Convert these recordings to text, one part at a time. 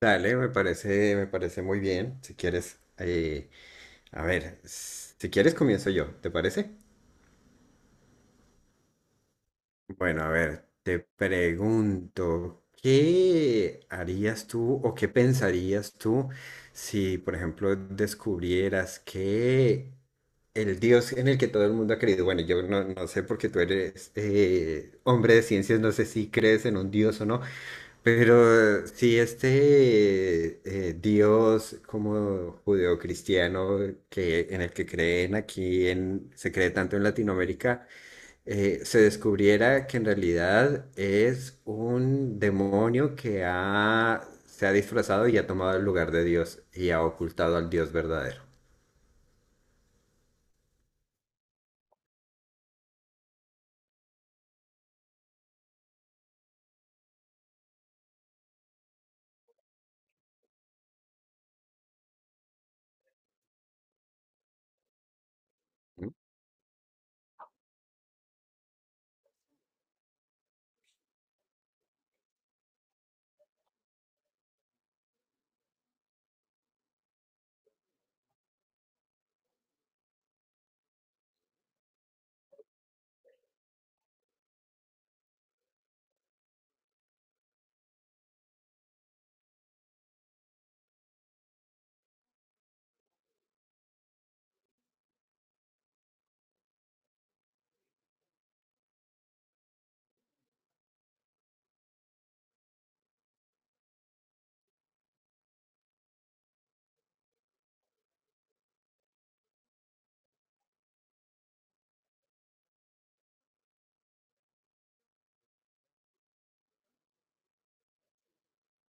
Dale, me parece muy bien. Si quieres, a ver, si quieres comienzo yo, ¿te parece? Bueno, a ver, te pregunto, ¿qué harías tú o qué pensarías tú si, por ejemplo, descubrieras que el Dios en el que todo el mundo ha creído? Bueno, yo no sé porque tú eres hombre de ciencias, no sé si crees en un Dios o no, pero si Dios como judeocristiano en el que creen aquí, se cree tanto en Latinoamérica, se descubriera que en realidad es un demonio que se ha disfrazado y ha tomado el lugar de Dios y ha ocultado al Dios verdadero.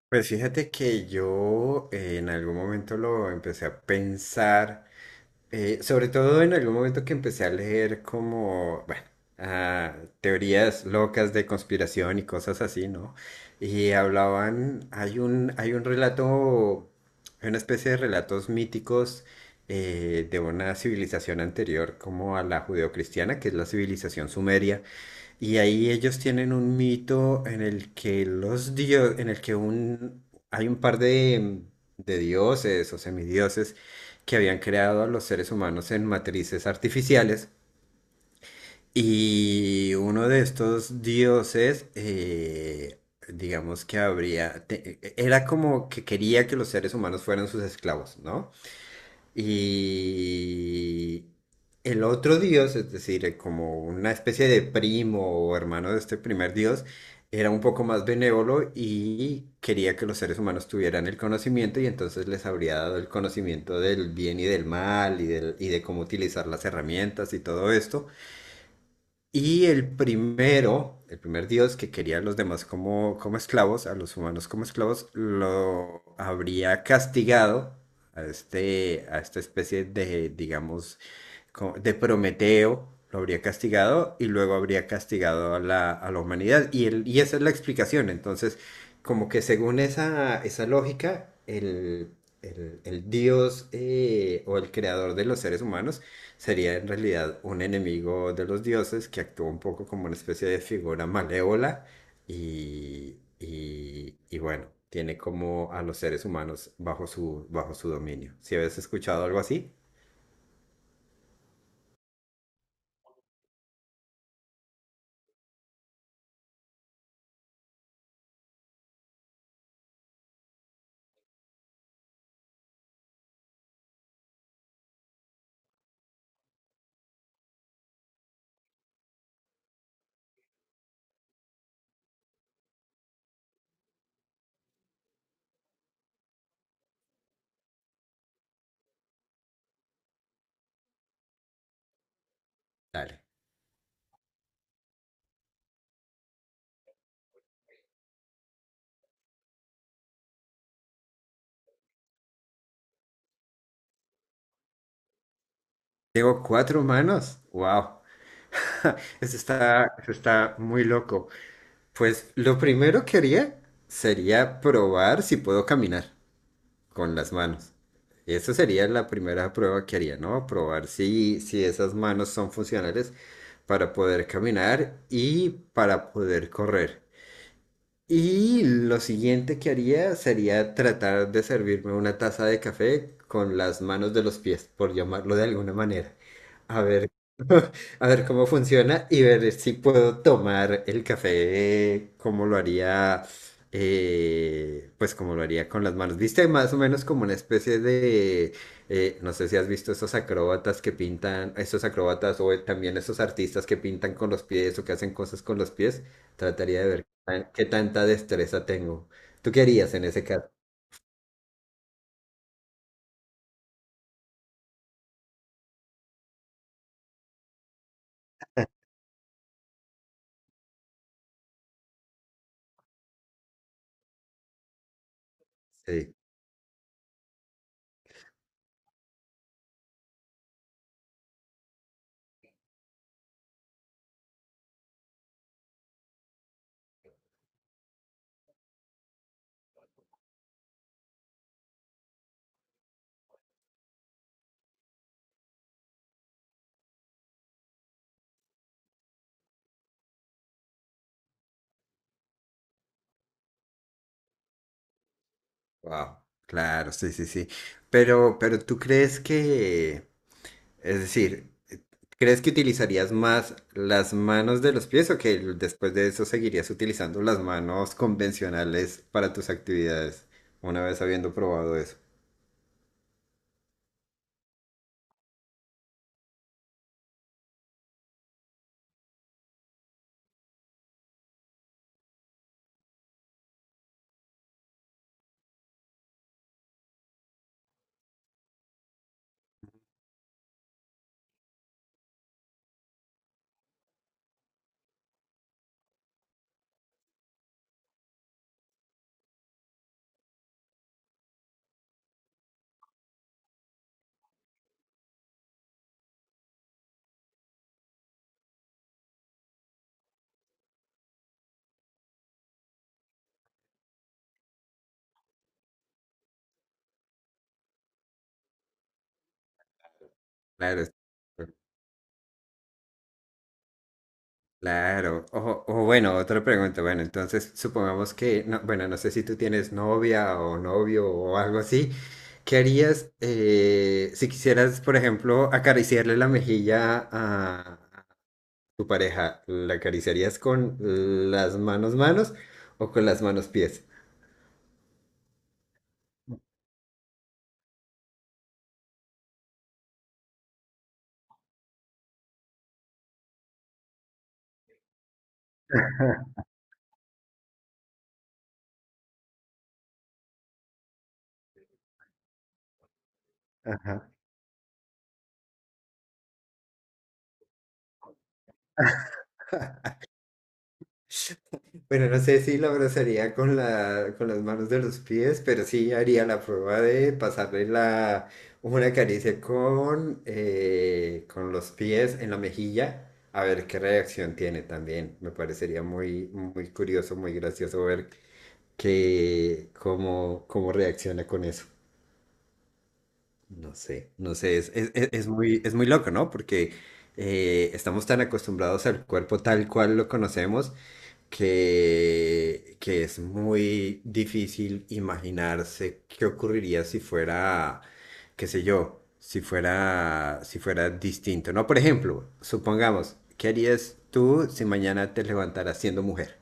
Pues fíjate que yo en algún momento lo empecé a pensar, sobre todo en algún momento que empecé a leer como, bueno, ah, teorías locas de conspiración y cosas así, ¿no? Y hablaban, hay un relato, hay una especie de relatos míticos de una civilización anterior como a la judeocristiana, que es la civilización sumeria. Y ahí ellos tienen un mito en el que los dios, en el que un, hay un par de dioses o semidioses que habían creado a los seres humanos en matrices artificiales. Y uno de estos dioses, digamos que era como que quería que los seres humanos fueran sus esclavos, ¿no? Y el otro dios, es decir, como una especie de primo o hermano de este primer dios, era un poco más benévolo y quería que los seres humanos tuvieran el conocimiento, y entonces les habría dado el conocimiento del bien y del mal y, del- y de cómo utilizar las herramientas y todo esto. Y el primero, el primer dios que quería a los demás como, como esclavos, a los humanos como esclavos, lo habría castigado a, este, a esta especie de, digamos, de Prometeo, lo habría castigado y luego habría castigado a a la humanidad. Y, el- y esa es la explicación. Entonces, como que según esa lógica, el dios o el creador de los seres humanos sería en realidad un enemigo de los dioses, que actúa un poco como una especie de figura malévola y bueno. Tiene como a los seres humanos bajo bajo su dominio. Si habías escuchado algo así, dale. Tengo cuatro manos. Wow. Eso está muy loco. Pues lo primero que haría sería probar si puedo caminar con las manos. Eso sería la primera prueba que haría, ¿no? Probar si, si esas manos son funcionales para poder caminar y para poder correr. Y lo siguiente que haría sería tratar de servirme una taza de café con las manos de los pies, por llamarlo de alguna manera. A ver, a ver cómo funciona y ver si puedo tomar el café como lo haría, pues como lo haría con las manos. Viste, más o menos como una especie de, no sé si has visto esos acróbatas que pintan, esos acróbatas o también esos artistas que pintan con los pies o que hacen cosas con los pies. Trataría de ver qué tanta destreza tengo. ¿Tú qué harías en ese caso? Sí, wow, claro, sí, sí, sí. Pero ¿tú crees que... Es decir, ¿crees que utilizarías más las manos de los pies o que después de eso seguirías utilizando las manos convencionales para tus actividades una vez habiendo probado eso? Claro, es- claro. O bueno, otra pregunta. Bueno, entonces supongamos que, no, bueno, no sé si tú tienes novia o novio o algo así. ¿Qué harías si quisieras, por ejemplo, acariciarle la mejilla a tu pareja? ¿La acariciarías con las manos manos o con las manos pies? Ajá. Bueno, no sé si la abrazaría con con las manos de los pies, pero sí haría la prueba de pasarle una caricia con los pies en la mejilla, a ver qué reacción tiene también. Me parecería muy, muy curioso, muy gracioso ver que, cómo, cómo reacciona con eso. No sé, no sé, es muy loco, ¿no? Porque estamos tan acostumbrados al cuerpo tal cual lo conocemos que es muy difícil imaginarse qué ocurriría si fuera, qué sé yo, si fuera distinto, ¿no? Por ejemplo, supongamos, ¿qué harías tú si mañana te levantaras siendo mujer?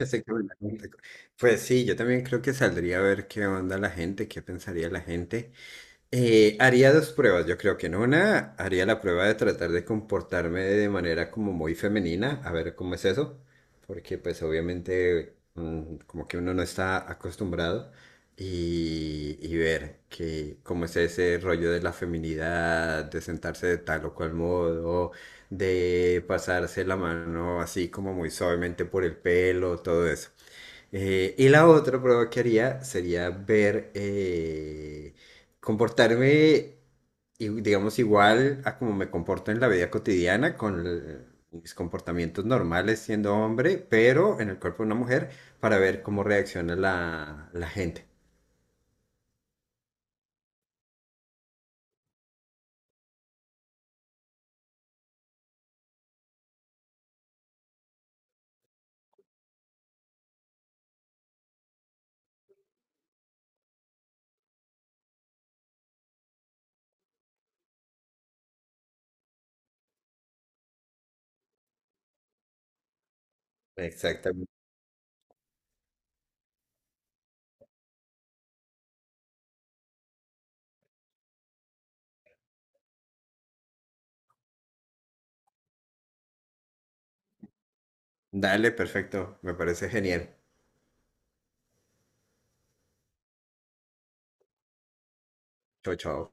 Exactamente. Pues sí, yo también creo que saldría a ver qué onda la gente, qué pensaría la gente. Haría dos pruebas. Yo creo que en una haría la prueba de tratar de comportarme de manera como muy femenina, a ver cómo es eso, porque pues obviamente como que uno no está acostumbrado. Y, y ver que cómo es ese rollo de la feminidad, de sentarse de tal o cual modo, de pasarse la mano así como muy suavemente por el pelo, todo eso. Y la otra prueba que haría sería ver, comportarme, digamos, igual a como me comporto en la vida cotidiana, con mis comportamientos normales siendo hombre, pero en el cuerpo de una mujer, para ver cómo reacciona la gente. Exactamente. Dale, perfecto. Me parece genial. Chao, chao.